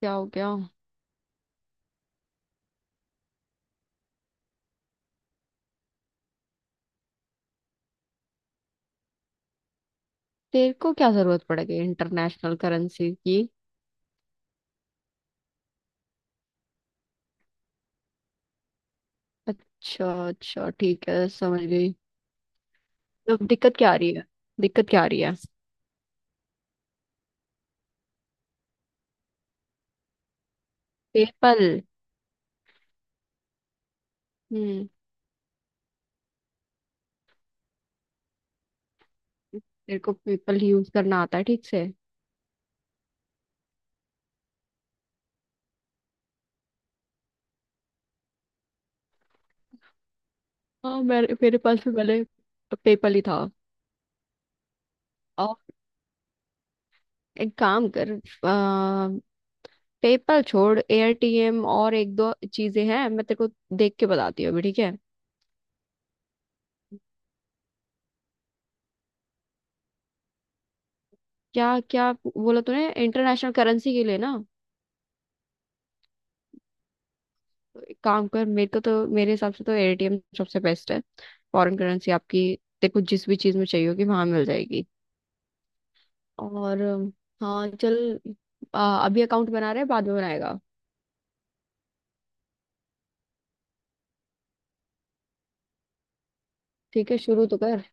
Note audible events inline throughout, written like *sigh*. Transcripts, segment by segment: क्या हो गया। तेरे को क्या जरूरत पड़ गई इंटरनेशनल करेंसी की? अच्छा अच्छा, ठीक है, समझ गई। तो दिक्कत क्या आ रही है? दिक्कत क्या आ रही है? पेपल। हम्म। तेरे को पेपल यूज करना आता है ठीक से? हाँ, मेरे मेरे पास भी पहले पेपल ही था। और एक काम कर, पेपल छोड़, एटीएम और एक दो चीजें हैं, मैं तेरे को देख के बताती हूँ अभी, ठीक है। क्या क्या बोला तूने, इंटरनेशनल करेंसी के लिए ना? एक काम कर, मेरे को तो मेरे हिसाब से तो एटीएम सबसे बेस्ट है, फॉरेन करेंसी आपकी तेरे को जिस भी चीज में चाहिए होगी वहां मिल जाएगी। और हाँ चल, अभी अकाउंट बना रहे हैं बाद में बनाएगा। ठीक है, शुरू तो कर।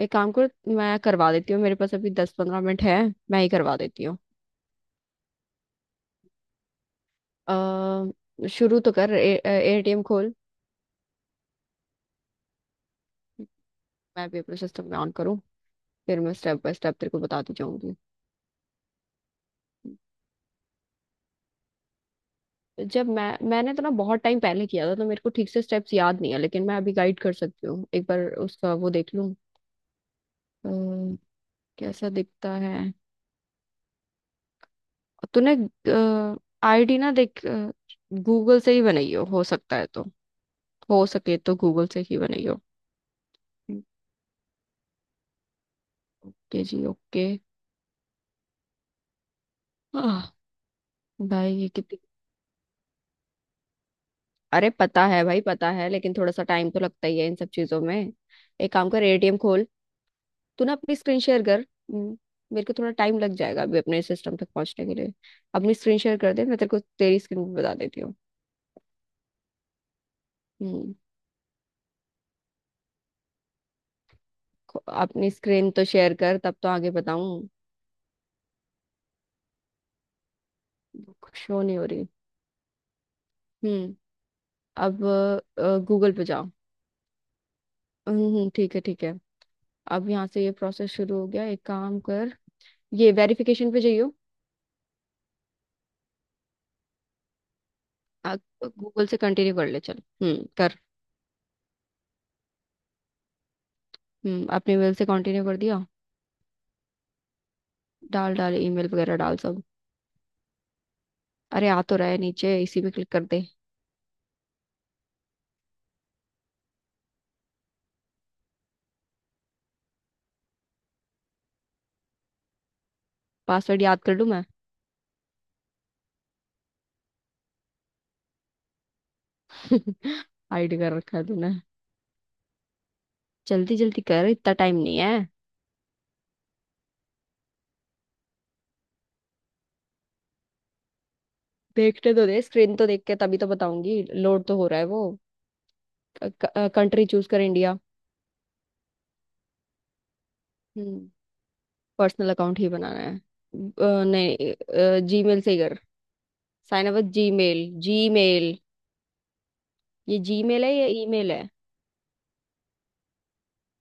एक काम कर, मैं करवा देती हूँ, मेरे पास अभी दस पंद्रह मिनट है, मैं ही करवा देती हूँ। शुरू तो कर, एटीएम खोल। मैं भी अपने सिस्टम में ऑन करूँ, फिर मैं स्टेप बाय स्टेप तेरे को बताती जाऊंगी। जब मैंने तो ना बहुत टाइम पहले किया था तो मेरे को ठीक से स्टेप्स याद नहीं है, लेकिन मैं अभी गाइड कर सकती हूँ, एक बार उसका वो देख लूँ। अ, कैसा दिखता है तूने? आईडी ना देख, गूगल से ही बनाई हो सकता है तो। हो सके तो गूगल से ही बनाई हो। ओके जी ओके। आह, भाई ये कितनी। अरे पता है भाई, पता है, लेकिन थोड़ा सा टाइम तो लगता ही है इन सब चीजों में। एक काम कर, एटीएम खोल। तू ना अपनी स्क्रीन शेयर कर, हम्म। मेरे को थोड़ा टाइम लग जाएगा अभी अपने सिस्टम तक पहुंचने के लिए। अपनी स्क्रीन शेयर कर दे, मैं तेरे को तेरी स्क्रीन भी बता देती हूँ। हम्म। अपनी स्क्रीन तो शेयर कर तब तो आगे बताऊं। शो नहीं हो रही। हम्म। अब गूगल पे जाओ। ठीक है ठीक है। अब यहाँ से ये प्रोसेस शुरू हो गया, एक काम कर, ये वेरिफिकेशन पे जाइयो। गूगल से कंटिन्यू कर ले चल, कर। हम्म, अपने मेल से कंटिन्यू कर दिया। डाल डाल, ईमेल वगैरह डाल सब। अरे आ तो रहा है नीचे, इसी पे क्लिक कर दे। पासवर्ड याद कर लूं मैं। *laughs* हाइड कर रखा है तूने। जल्दी जल्दी कर, इतना टाइम नहीं है। देखने तो दे, स्क्रीन तो देख के तभी तो बताऊंगी, लोड तो हो रहा है वो। कंट्री चूज कर इंडिया। हम्म। पर्सनल अकाउंट ही बनाना है नहीं, जीमेल से ही कर। Sign up Gmail. जीमेल। ये जीमेल है या ईमेल है?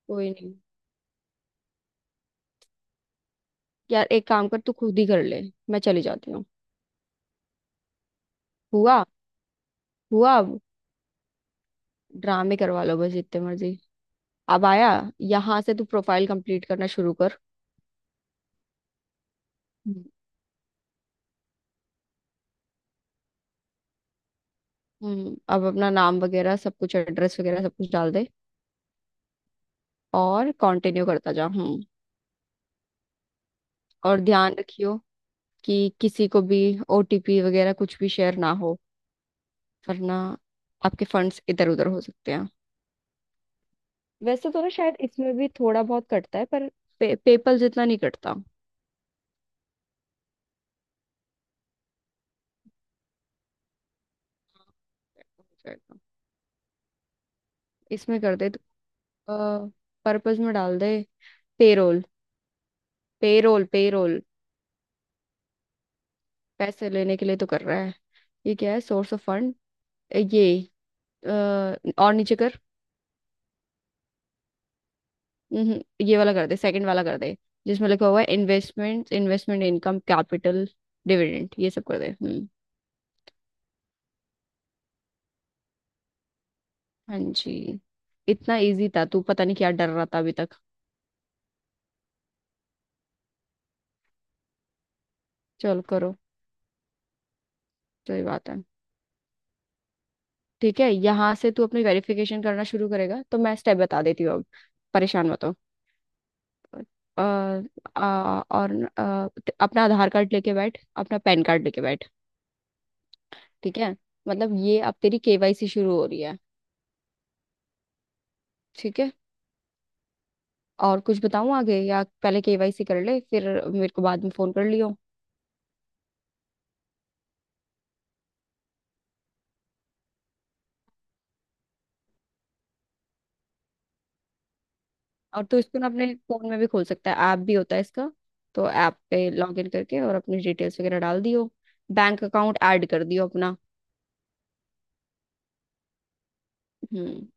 कोई नहीं, यार एक काम कर, तू खुद ही कर ले, मैं चली जाती हूँ। हुआ? हुआ? ड्रामे करवा लो बस जितने मर्जी। अब आया। यहाँ से तू प्रोफाइल कंप्लीट करना शुरू कर। हम्म। हम्म, अब अपना नाम वगैरह सब कुछ, एड्रेस वगैरह सब कुछ डाल दे। और कंटिन्यू करता जा, हम्म। और ध्यान रखियो कि किसी को भी ओटीपी वगैरह कुछ भी शेयर ना हो, वरना आपके फंड्स इधर उधर हो सकते हैं। वैसे तो ना शायद इसमें भी थोड़ा बहुत कटता है, पर पेपल जितना नहीं कटता। इसमें कर दे तो, पर्पस में डाल दे, पेरोल। Payroll payroll. पैसे लेने के लिए तो कर रहा है। ये क्या है, सोर्स ऑफ फंड? ये अ, और नीचे कर। ये वाला कर दे, सेकंड वाला कर दे, जिसमें लिखा हुआ है investment. Investment income, capital, dividend, ये सब कर दे, हम्म। हाँ जी, इतना इजी था, तू पता नहीं क्या डर रहा था अभी तक। चल करो, सही बात है। ठीक है, यहाँ से तू अपनी वेरिफिकेशन करना शुरू करेगा तो मैं स्टेप बता देती हूँ अब, परेशान मत हो। अ, आ, और न- अ, अपना आधार कार्ड लेके बैठ, अपना पैन कार्ड लेके बैठ। ठीक है, मतलब ये अब तेरी केवाईसी शुरू हो रही है, ठीक है। और कुछ बताऊं आगे, या पहले केवाईसी कर ले फिर मेरे को बाद में फोन कर लियो। और तू इसको ना अपने फोन में भी खोल सकता है, ऐप भी होता है इसका। तो ऐप पे लॉग इन करके और अपनी डिटेल्स वगैरह डाल दियो, बैंक अकाउंट ऐड कर दियो अपना। हम्म।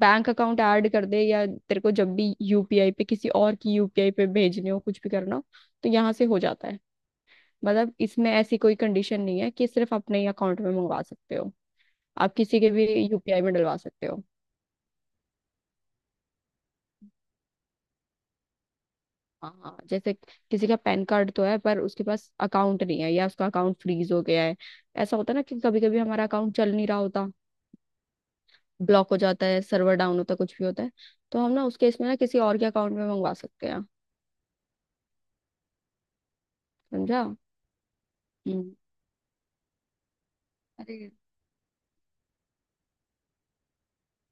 बैंक अकाउंट ऐड कर दे, या तेरे को जब भी यूपीआई पे किसी और की यूपीआई पे भेजने हो कुछ भी करना हो तो यहाँ से हो जाता है। मतलब इसमें ऐसी कोई कंडीशन नहीं है कि सिर्फ अपने अकाउंट में मंगवा सकते हो, आप किसी के भी यूपीआई में डलवा सकते हो। हाँ जैसे किसी का पैन कार्ड तो है पर उसके पास अकाउंट नहीं है, या उसका अकाउंट फ्रीज हो गया है। ऐसा होता है ना कि कभी कभी हमारा अकाउंट चल नहीं रहा होता, ब्लॉक हो जाता है, सर्वर डाउन होता है, कुछ भी होता है, तो हम ना उसके इसमें ना किसी और के अकाउंट में मंगवा सकते हैं। समझा। हम्म। अरे,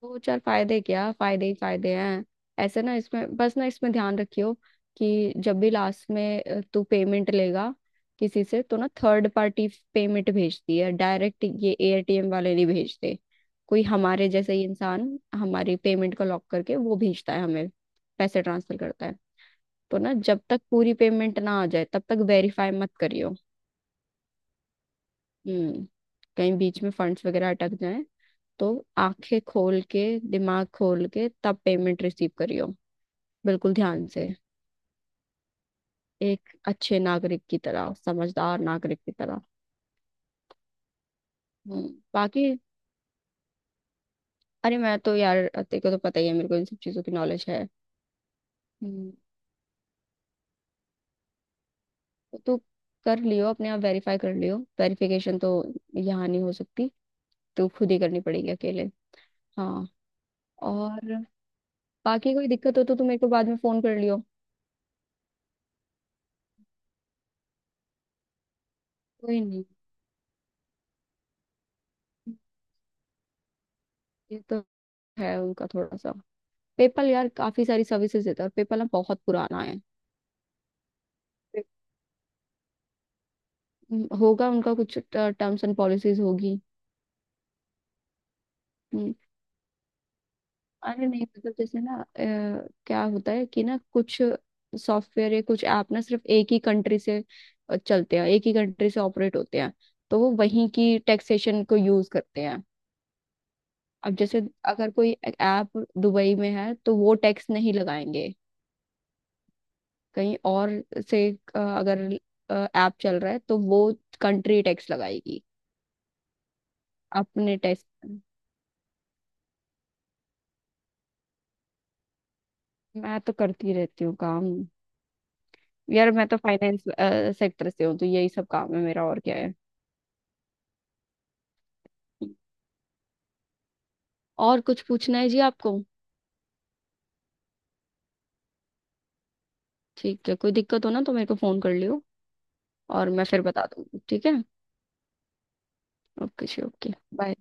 दो चार फायदे क्या, फायदे ही फायदे हैं। ऐसे ना इसमें बस ना, इसमें ध्यान रखियो कि जब भी लास्ट में तू पेमेंट लेगा किसी से, तो ना थर्ड पार्टी पेमेंट भेजती है डायरेक्ट, ये एटीएम वाले नहीं भेजते। कोई हमारे जैसे ही इंसान हमारी पेमेंट को लॉक करके वो भेजता है हमें, पैसे ट्रांसफर करता है। तो ना जब तक पूरी पेमेंट ना आ जाए तब तक वेरीफाई मत करियो। हम्म। कहीं बीच में फंड्स वगैरह अटक जाए, तो आंखें खोल के, दिमाग खोल के तब पेमेंट रिसीव करियो, बिल्कुल ध्यान से। एक अच्छे नागरिक की तरह, समझदार नागरिक की तरह। हम्म, बाकी अरे मैं तो यार, तेरे को तो पता ही है मेरे को इन सब चीजों की नॉलेज है। हम्म, तो तू कर लियो अपने आप, वेरीफाई कर लियो, वेरिफिकेशन तो यहाँ नहीं हो सकती, तो खुद ही करनी पड़ेगी अकेले। हाँ। और बाकी कोई दिक्कत हो तो तू मेरे को बाद में फोन कर लियो। कोई नहीं, ये तो है उनका थोड़ा सा। पेपल यार काफी सारी सर्विसेज देता है, और पेपल ना बहुत पुराना है। होगा उनका कुछ टर्म्स एंड पॉलिसीज होगी। हम्म, अरे नहीं, मतलब जैसे ना क्या होता है कि ना कुछ सॉफ्टवेयर या कुछ ऐप ना सिर्फ एक ही कंट्री से चलते हैं, एक ही कंट्री से ऑपरेट होते हैं, तो वो वहीं की टैक्सेशन को यूज करते हैं। अब जैसे अगर कोई ऐप दुबई में है तो वो टैक्स नहीं लगाएंगे। कहीं और से अगर ऐप चल रहा है तो वो कंट्री टैक्स लगाएगी। अपने टेस्ट। मैं तो करती रहती हूँ काम। यार मैं तो फाइनेंस सेक्टर से हूँ तो यही सब काम है मेरा, और क्या है। और कुछ पूछना है जी आपको? ठीक है, कोई दिक्कत हो ना तो मेरे को फोन कर लियो और मैं फिर बता दूंगी, ठीक है। ओके जी ओके। बाय।